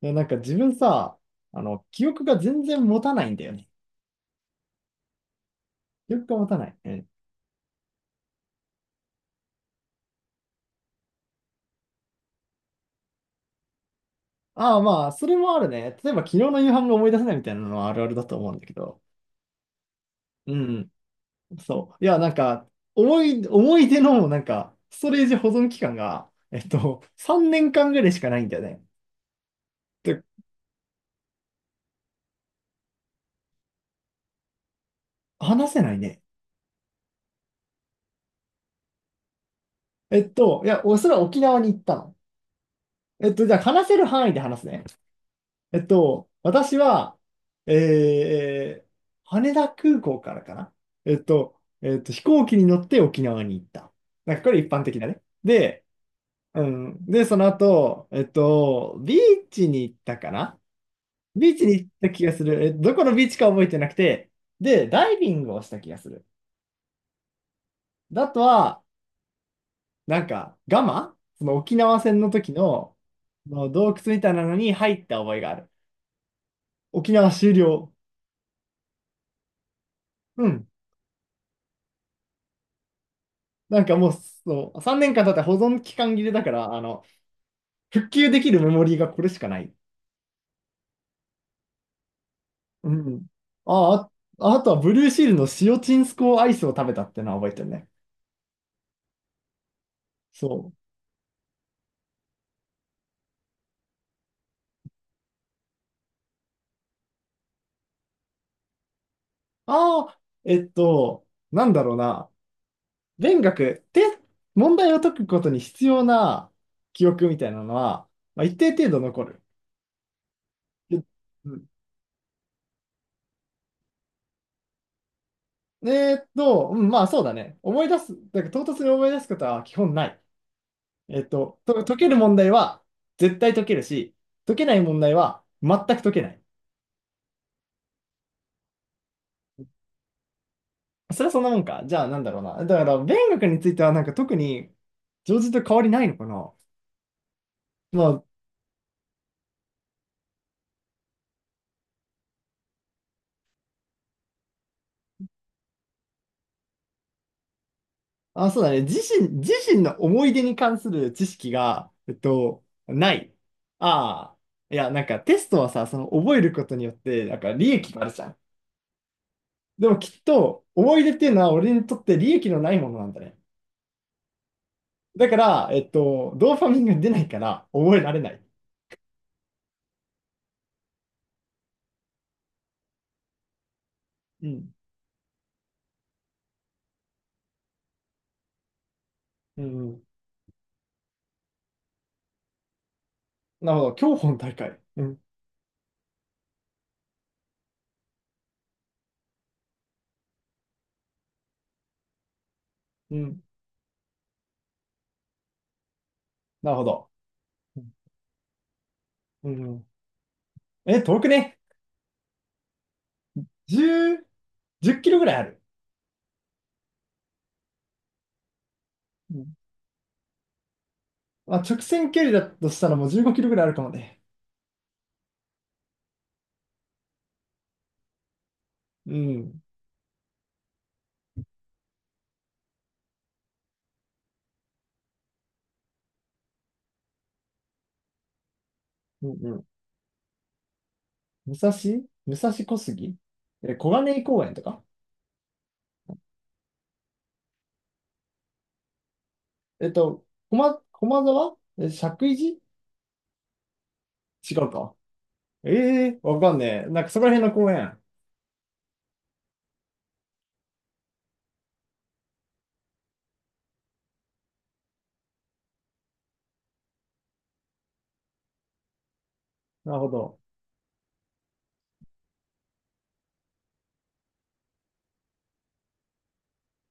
なんか自分さ、記憶が全然持たないんだよね。記憶が持たない。うん。ああ、まあ、それもあるね。例えば昨日の夕飯が思い出せないみたいなのはあるあるだと思うんだけど。うん。そう。いや、なんか、思い出の、なんか、ストレージ保存期間が、3年間ぐらいしかないんだよね。で、話せないね。いや、おそれは沖縄に行ったの。じゃあ話せる範囲で話すね。えっと、私は、えー、羽田空港からかな。飛行機に乗って沖縄に行った。なんかこれ一般的だね。で、うん。で、その後、ビーチに行ったかな。ビーチに行った気がする。え、どこのビーチか覚えてなくて、で、ダイビングをした気がする。だあとは、なんか、ガマその沖縄戦の時の、の洞窟みたいなのに入った覚えがある。沖縄終了。うん。なんかもう、そう、3年間経ったら保存期間切れだから、復旧できるメモリーがこれしかない。うん。ああ、あとはブルーシールの塩チンスコーアイスを食べたってのは覚えてるね。そう。ああ、なんだろうな。勉学って問題を解くことに必要な記憶みたいなのは、まあ、一定程度残る。でうん、うん、まあそうだね。思い出す、だから唐突に思い出すことは基本ない。解ける問題は絶対解けるし、解けない問題は全く解けない。それはそんなもんか。じゃあなんだろうな。だから勉学についてはなんか特に常人と変わりないのかな。まあ、あ、そうだね。自身の思い出に関する知識が、ない。ああ。いや、なんかテストはさ、その覚えることによって、なんか利益があるじゃん。でもきっと思い出っていうのは俺にとって利益のないものなんだね。だから、ドーパミンが出ないから覚えられない。うんうん。なるほど。競歩の大会。うん。うん。なるほど。うん。うんえ、遠くね。10、じゅっキロぐらいある。うんまあ、直線距離だとしたらもう15キロぐらいあるかもね。うん。うんうん。武蔵武蔵小杉え、小金井公園とかえっと、駒沢え、石神井寺違うか。ええわかんねえ。なんかそこら辺の公園。なるほど。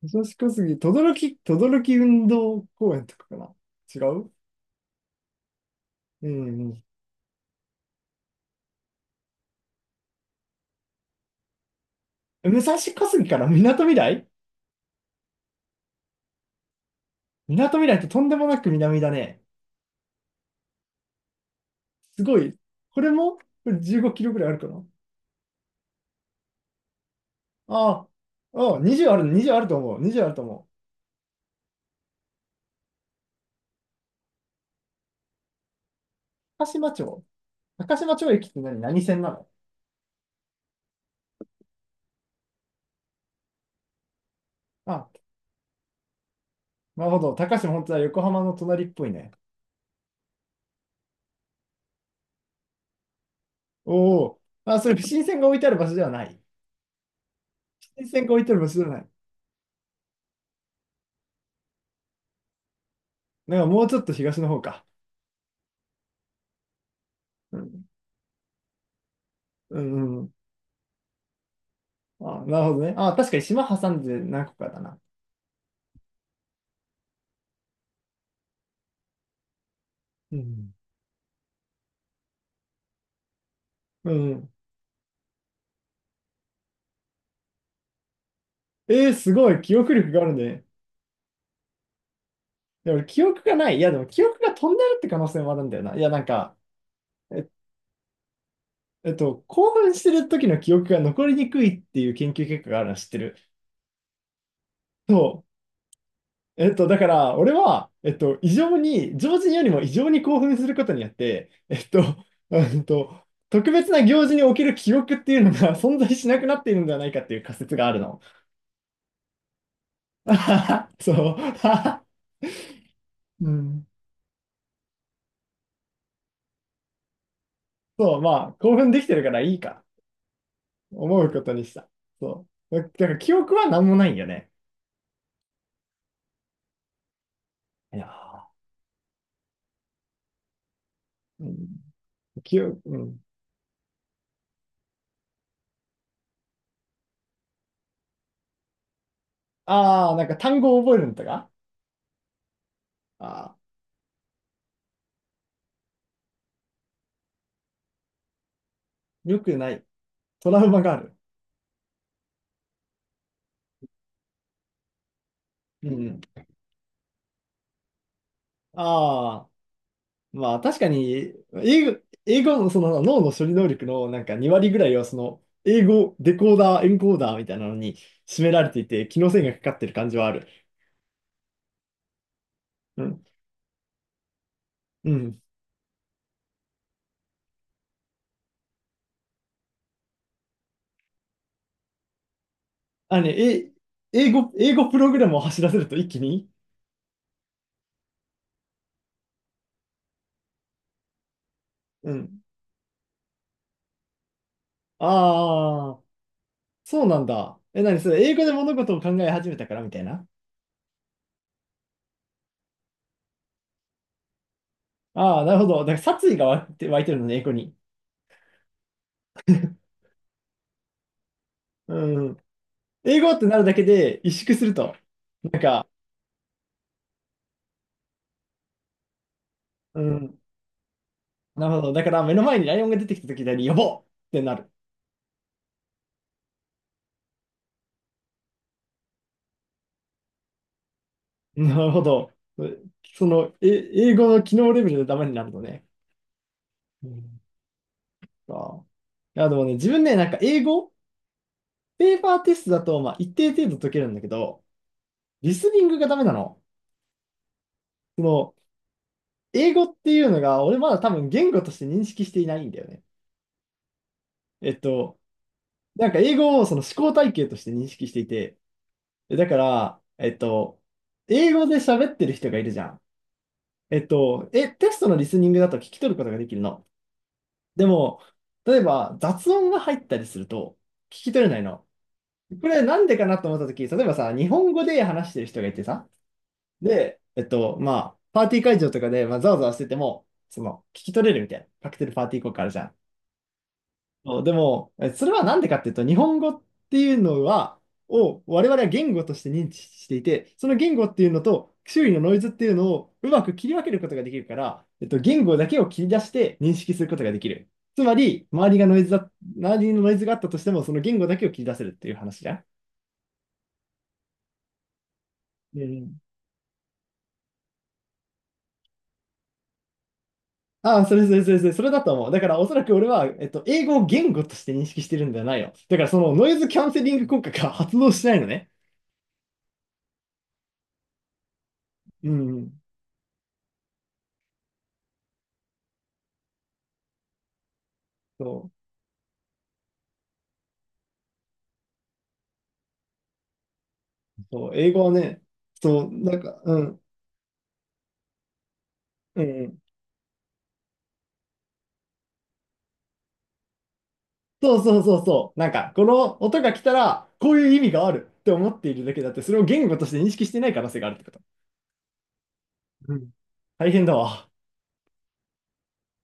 武蔵小杉、等々力運動公園とかかな。違ううんうん武蔵小杉から港未来港未来ってとんでもなく南だね。すごい。これもこれ15キロぐらいあるかなああ、あ20ある、20あると思う。20あると思う。高島町。高島町駅って何何線なのあ、なるほど。高島本当は横浜の隣っぽいね。おお。あ、それ、新線が置いてある場所ではない。新線が置いてある場所ではない。なんかもうちょっと東の方か。うん。うん、うん。あ、なるほどね。あ、確かに島挟んで何個かだな。うん。うん。えー、すごい。記憶力があるね。で、俺、記憶がない。いや、でも記憶が飛んでるって可能性もあるんだよな。いや、なんか、え、興奮してる時の記憶が残りにくいっていう研究結果があるの知ってる。そう。だから、俺は、異常に、常人よりも異常に興奮することによって、えっと、特別な行事における記憶っていうのが 存在しなくなっているんじゃないかっていう仮説があるの。そう。うん。そう、まあ、興奮できてるからいいか。思うことにした。そう。だだから記憶は何もないんよね。いやー、うん、記憶、うん。ああ、なんか単語を覚えるんだが、ああ、よくない。トラウマがある。うん、ああ、まあ確かに、英語、英語のその脳の処理能力のなんか2割ぐらいはその、英語、デコーダー、エンコーダーみたいなのに占められていて、機能性がかかってる感じはある。うん。うん。あ、ね、え、英語プログラムを走らせると一気にうん。ああ、そうなんだ。え、何それ、英語で物事を考え始めたからみたいなああ、なるほど。だから殺意が湧いて、湧いてるのね、英語に。うん。英語ってなるだけで萎縮すると。なんか、うん。なるほど。だから目の前にライオンが出てきた時に、呼ぼうってなる。なるほど。その、え、英語の機能レベルでダメになるのね。うん。ああ。いや、でもね、自分ね、なんか英語、ペーパーテストだと、まあ、一定程度解けるんだけど、リスニングがダメなの。その、英語っていうのが、俺まだ多分言語として認識していないんだよね。えっと、なんか英語をその思考体系として認識していて、えだから、英語で喋ってる人がいるじゃん。え、テストのリスニングだと聞き取ることができるの。でも、例えば雑音が入ったりすると聞き取れないの。これなんでかなと思った時例えばさ、日本語で話してる人がいてさ、で、まあ、パーティー会場とかで、まあ、ざわざわしてても、その、聞き取れるみたいな。カクテルパーティー効果あるじゃん。そうでも、えそれはなんでかっていうと、日本語っていうのは、を我々は言語として認知していて、その言語っていうのと周囲のノイズっていうのをうまく切り分けることができるから、言語だけを切り出して認識することができる。つまり、周りがノイズだ、周りのノイズがあったとしても、その言語だけを切り出せるっていう話じゃん。うん。ああ、それだと思う。だから、おそらく俺は、英語を言語として認識してるんじゃないよ。だから、そのノイズキャンセリング効果が発動しないのね。うん。そうそう、英語はね、そう、なんか、うん、うん。そうそうそうそう。なんか、この音が来たら、こういう意味があるって思っているだけだって、それを言語として認識してない可能性があるってこと。うん。大変だわ。